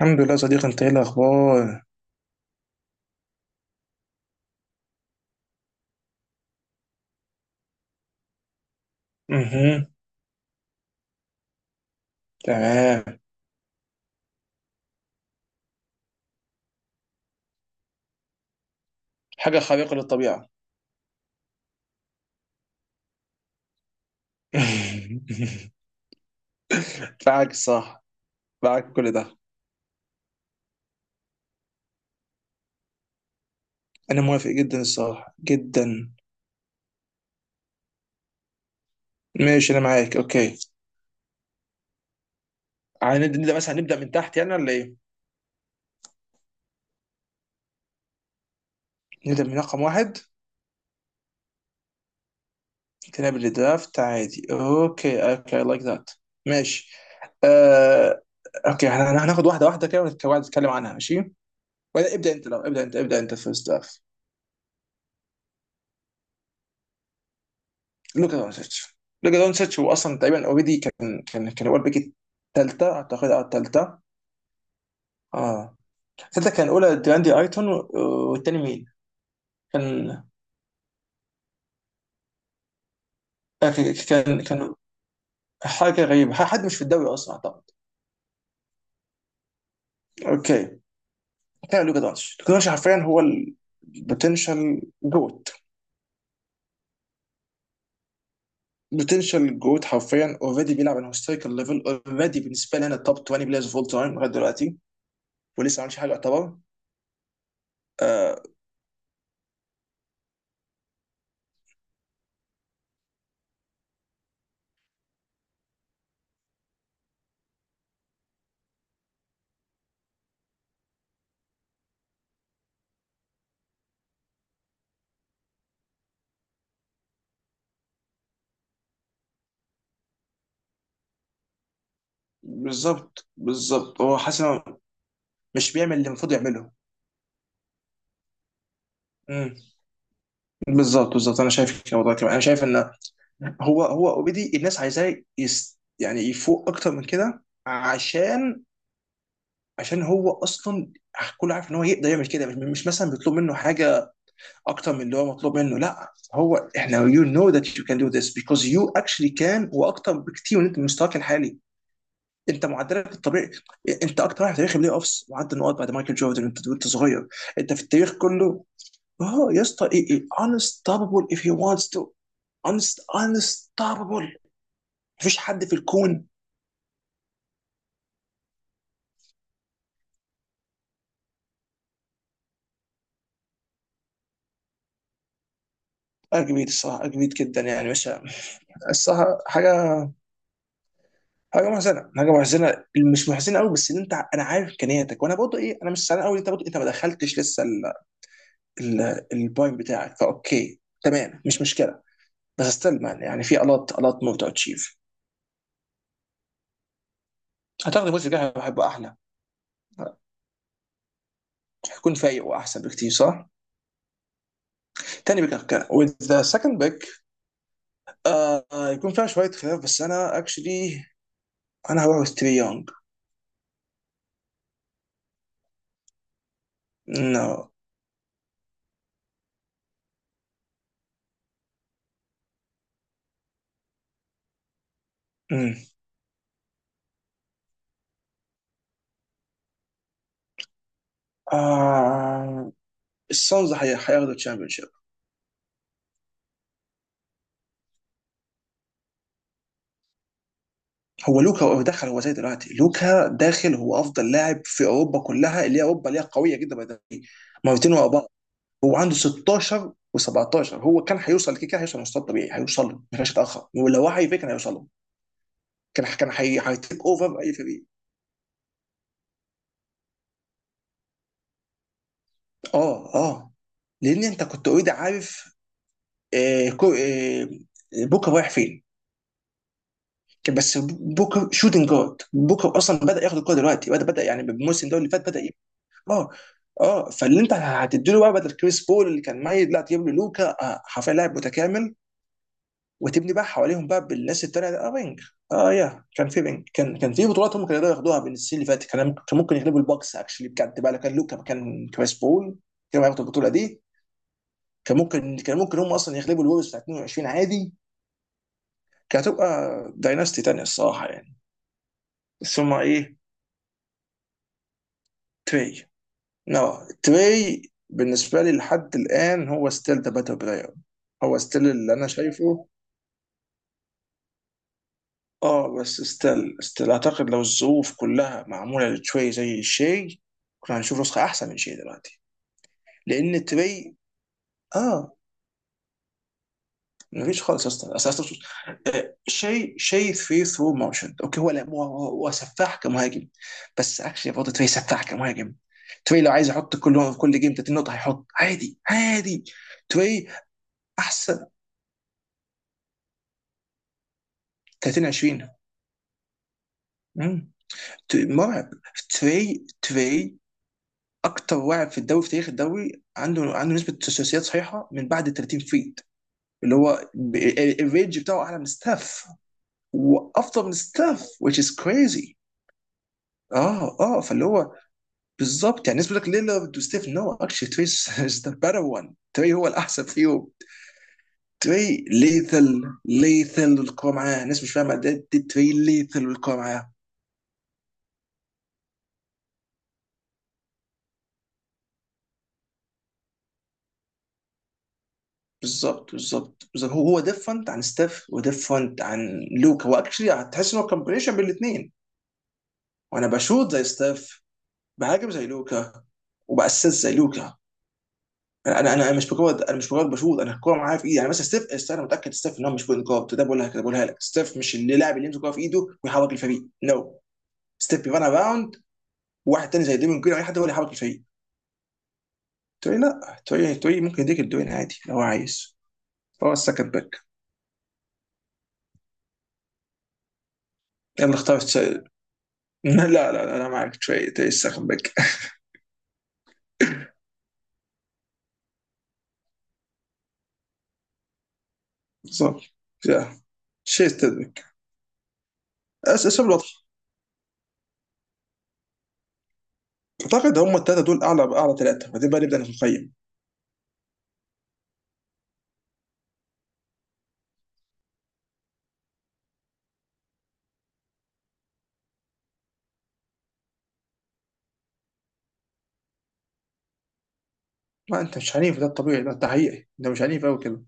الحمد لله يا صديقي، انت ايه الاخبار؟ اها. تمام. حاجه خارقه للطبيعه. معاك صح، معاك كل ده. انا موافق جدا الصراحه، جدا. ماشي انا معاك، اوكي. عايز نبدا مثلا نبدا من تحت ولا ايه؟ نبدا من رقم واحد، كلاب الدرافت عادي. اوكي اوكي، لايك ذات. ماشي. آه... اوكي، هناخد واحده واحده كده ونتكلم عنها، ماشي. ولا ابدا انت، لو ابدا انت، ابدا انت فيرست. لوكا دونتش، لوكا دونتش هو اصلا تقريبا اوريدي كان هو البيك الثالثه اعتقد. اه، الثالثه. اه، الثالثه كان الاولى دراندي ايتون والتاني مين؟ كان، كان حاجه غريبه، حد مش في الدوري اصلا اعتقد. اوكي. كان لوكا دونتش، لوكا دونتش حرفيا هو البوتنشال جوت. بوتنشال جوت حرفيا اوريدي بيلعب على هيستوريكال ليفل. اوريدي بالنسبه لنا توب 20 بلايرز فول تايم لغايه دلوقتي، ولسه ما عملش حاجه يعتبر. آه، بالظبط بالظبط، هو حاسس مش بيعمل اللي المفروض يعمله. امم، بالظبط بالظبط، انا شايف كده والله. كمان انا شايف ان هو اوريدي الناس عايزاه يس، يعني يفوق اكتر من كده. عشان هو اصلا كله عارف ان هو يقدر يعمل كده. مش مثلا بيطلب منه حاجه اكتر من اللي هو مطلوب منه، لا هو احنا يو نو ذات يو كان دو ذس بيكوز يو اكشلي كان واكتر بكتير من انت، من مستواك الحالي. انت معدلك الطبيعي، انت اكتر واحد في تاريخ البلاي اوفس معدل نقاط بعد مايكل جوردن، وانت صغير. انت في التاريخ كله. اه يا اسطى، ايه ايه unstoppable if he wants to. Unstoppable. مفيش حد في الكون. اجمد الصراحه، اجمد جدا يعني. مش الصراحه حاجه، حاجه محزنه، حاجه محزنه. مش محزنه قوي، بس ان انت انا عارف امكانياتك. وانا برضه ايه، انا مش زعلان قوي إن انت برضه إيه، انت ما دخلتش لسه البوينت بتاعك. فاوكي تمام، مش مشكله. بس استلم، يعني في الات مور تو اتشيف. اعتقد الموسم الجاي هيبقى احلى، هيكون فايق واحسن بكتير، صح؟ تاني بيك كان with the second pick. يكون فيها شوية خلاف، بس أنا أكشلي أنا هروح وستري يونج. نو. آه، السانز هياخدوا الشامبيون شيب. هو لوكا دخل زي دلوقتي. لوكا داخل هو أفضل لاعب في أوروبا كلها، اللي هي أوروبا اللي هي قوية جدا by the way. مرتين ورا بعض، هو عنده 16 و17. هو كان هيوصل كده كده، هيوصل مستوى طبيعي، هيوصل له ما فيش يتأخر، ولو وعي فيه كان هيوصل له. كان هيتيك اوفر أي فريق. اه اه، لان انت كنت اوريدي عارف آه، كو- آه، بوكا رايح فين. كان بس بوكا شوتنج جارد، بوكا اصلا بدا ياخد الكوره دلوقتي، بدا يعني بالموسم ده اللي فات بدا اه اه. فاللي انت هتديله بقى بدل كريس بول اللي كان ميت، لا تجيب له لوكا، حرفيا لاعب متكامل. وتبني بقى حواليهم بقى بالناس التانيه ده، اه رينج. اه، يا كان في رينج، كان في بطولات هم كانوا يقدروا ياخدوها بين السنين اللي فاتت. كان ممكن يغلبوا البوكس اكشلي بجد بقى، لو كان لوكا مكان كريس بول كانوا هياخدوا البطوله دي. كان ممكن هم اصلا يغلبوا الوريوز بتاع 22 عادي. كانت هتبقى دايناستي تانية الصراحة يعني. بس هما ايه، تري. نو، تري. بالنسبة لي لحد الآن هو ستيل ذا باتل بلاير، هو ستيل اللي أنا شايفه. اه بس ستيل أعتقد لو الظروف كلها معمولة لتري زي شي، كنا هنشوف نسخة أحسن من شي دلوقتي. لأن تري، اه، مفيش خالص يا اسطى. شيء في ثرو موشن. اوكي هو لا، هو سفاح كمهاجم، بس اكشلي برضه تري سفاح كمهاجم. تري لو عايز يحط كل جيم 30 نقطه هيحط عادي عادي. تري احسن. 30 20. مم. تري مرعب. تري تري اكتر واعد في الدوري، في تاريخ الدوري، عنده نسبه ثلاثيات صحيحه من بعد ال 30 فيت، اللي هو الرينج بتاعه اعلى من ستاف، وافضل من ستاف which is crazy. اه اه، فاللي هو بالظبط. يعني الناس بتقول لك ليلارد وستيف، نو اكشلي تري از ذا بيتر وان. تري هو الاحسن فيهم. تري ليثل ليثل والكوره معاه، الناس مش فاهمه ده، تري ليثل والكوره معاه. بالظبط بالظبط بالظبط، هو ديفرنت عن ستيف وديفرنت عن لوكا. هو اكشلي هتحس ان هو كومبينيشن بين الاثنين. وانا بشوط زي ستيف، بهاجم زي لوكا، وباسس زي لوكا. انا مش مجرد بشوط، انا الكوره معايا في ايدي. يعني مثلا ستيف انا متاكد ستيف ان هو مش بوينت جارد. ده بقولها كده، بقولها لك ستيف مش اللاعب اللي يمسك الكوره في ايده ويحرك الفريق، نو no. ستيب يبان اراوند، واحد تاني زي ديمون جرين او اي حد هو اللي يحرك الفريق. تقول لي لا، تقول ممكن يديك الدوين عادي لو هو عايز، هو السكند باك. يلا اختار لا لا لا انا معاك، تري تري السكند باك. بالظبط يا شيء يستدرك. اسم الوضع. اعتقد هم الثلاثه دول اعلى ثلاثه، بعدين بقى نبدا نقيم. ما انت مش عنيف، ده الطبيعي، ده انت حقيقي انت مش عنيف قوي كده.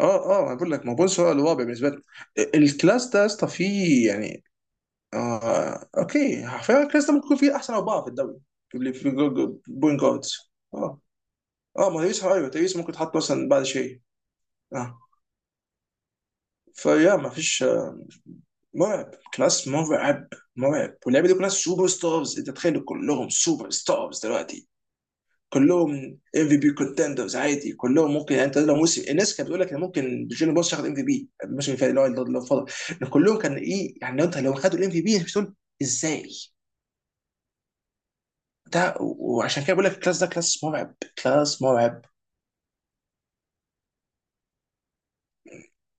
اه اه، انا بقول لك ما بونس هو الواقع بالنسبه لي. الكلاس ده يا اسطى فيه يعني، آه اوكي فعلا كريستال ممكن يكون في احسن اربعه في الدوري في بوينت جاردز. اه اه، ما تيريس، ايوه تيريس ممكن تحط مثلا بعد شيء. اه، فيا ما فيش مرعب، كلاس مرعب، مرعب. واللعيبه دي كلها سوبر ستارز، انت تخيل كلهم سوبر ستارز دلوقتي، كلهم ام في بي كونتندرز عادي. كلهم ممكن، يعني انت لو موسم، الناس كانت بتقول لك ان ممكن جوني بوس ياخد ام في بي الموسم اللي فات اللي هو اللي فضل. كلهم كان ايه يعني، لو انت لو خدوا الام في بي مش تقول ازاي. ده وعشان كده بقول لك الكلاس ده كلاس مرعب، كلاس مرعب.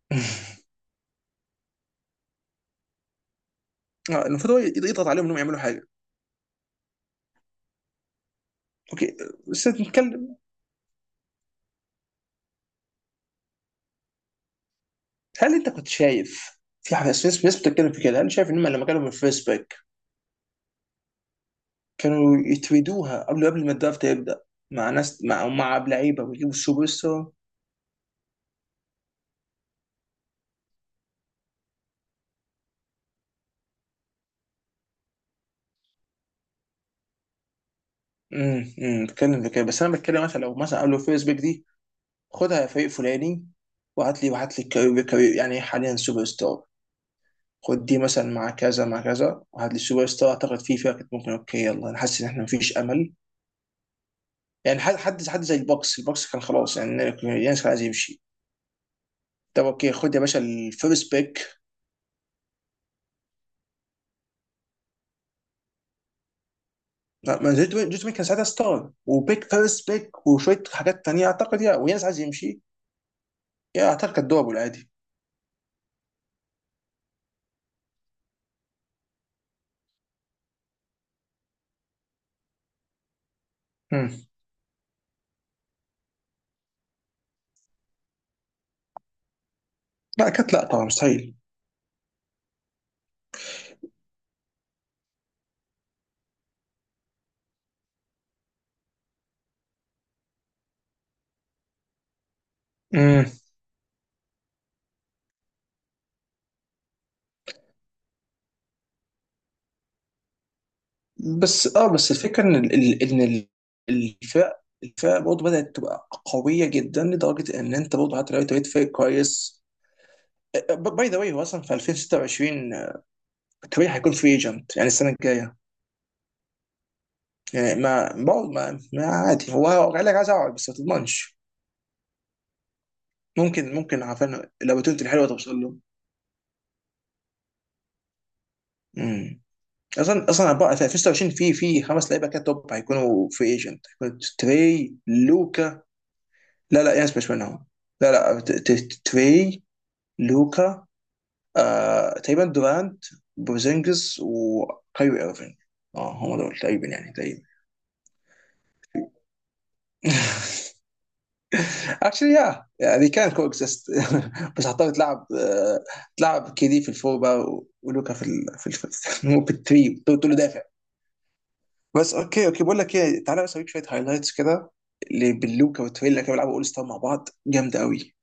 آه، المفروض هو يضغط عليهم انهم يعملوا حاجه. اوكي، بس نتكلم. هل انت كنت شايف في حاجه، في ناس بتتكلم في كده، هل شايف انهم لما كانوا من الفيرست باك كانوا يتريدوها قبل ما الدرافت يبدا، مع ناس مع لعيبه، ويجيبوا السوبر ستار؟ امم بتكلم في كده، بس انا بتكلم مثلا لو مثلا قبل الفيرست باك دي خدها يا فريق فلاني، وهات لي يعني حاليا سوبر ستار. خد دي مثلا مع كذا مع كذا وهات لي السوبر ستار. اعتقد فيه فيها كانت ممكن اوكي يلا، انا حاسس ان احنا مفيش امل يعني. حد زي البوكس، البوكس كان خلاص يعني يانس كان عايز يمشي، طب اوكي خد يا باشا الفيرست بيك. ما ما جوت مين كان ساعتها ستار، وبيك فيرست بيك وشويه حاجات تانيه. اعتقد يا ويانس عايز يمشي، يا اعتقد كانت دوبل عادي. مم. لا كانت لا، طبعا مستحيل. مم. بس اه، بس الفكره ان الفرق برضه بدات تبقى قويه جدا، لدرجه ان انت برضه حتى لو انت بقيت فريق كويس. باي ذا واي هو اصلا في 2026 طبيعي هيكون فري ايجنت، يعني السنه الجايه. يعني ما عادي، هو قال لك عايز اقعد بس ما تضمنش. ممكن عارفين الاوبورتيونتي الحلوه توصل له. امم. اصلا بقى في 2026 في خمس لعيبه كده توب هيكونوا فري ايجنت، هيكونوا تري، لوكا. لا لا، يانس مش منهم. لا لا، تري، لوكا، آه تقريبا دورانت، بوزينجز، وكايري ايرفينج. اه هم دول تقريبا يعني، تقريبا اكشلي يا يعني كان كو اكزيست. بس هضطر تلعب تلعب كيدي في الفور بقى، ولوكا في في الثري، تقول له دافع. بس اوكي اوكي، بقول لك ايه، تعالى بس اوريك شويه هايلايتس كده اللي باللوكا والتريلا كانوا بيلعبوا اول ستار مع بعض، جامده قوي.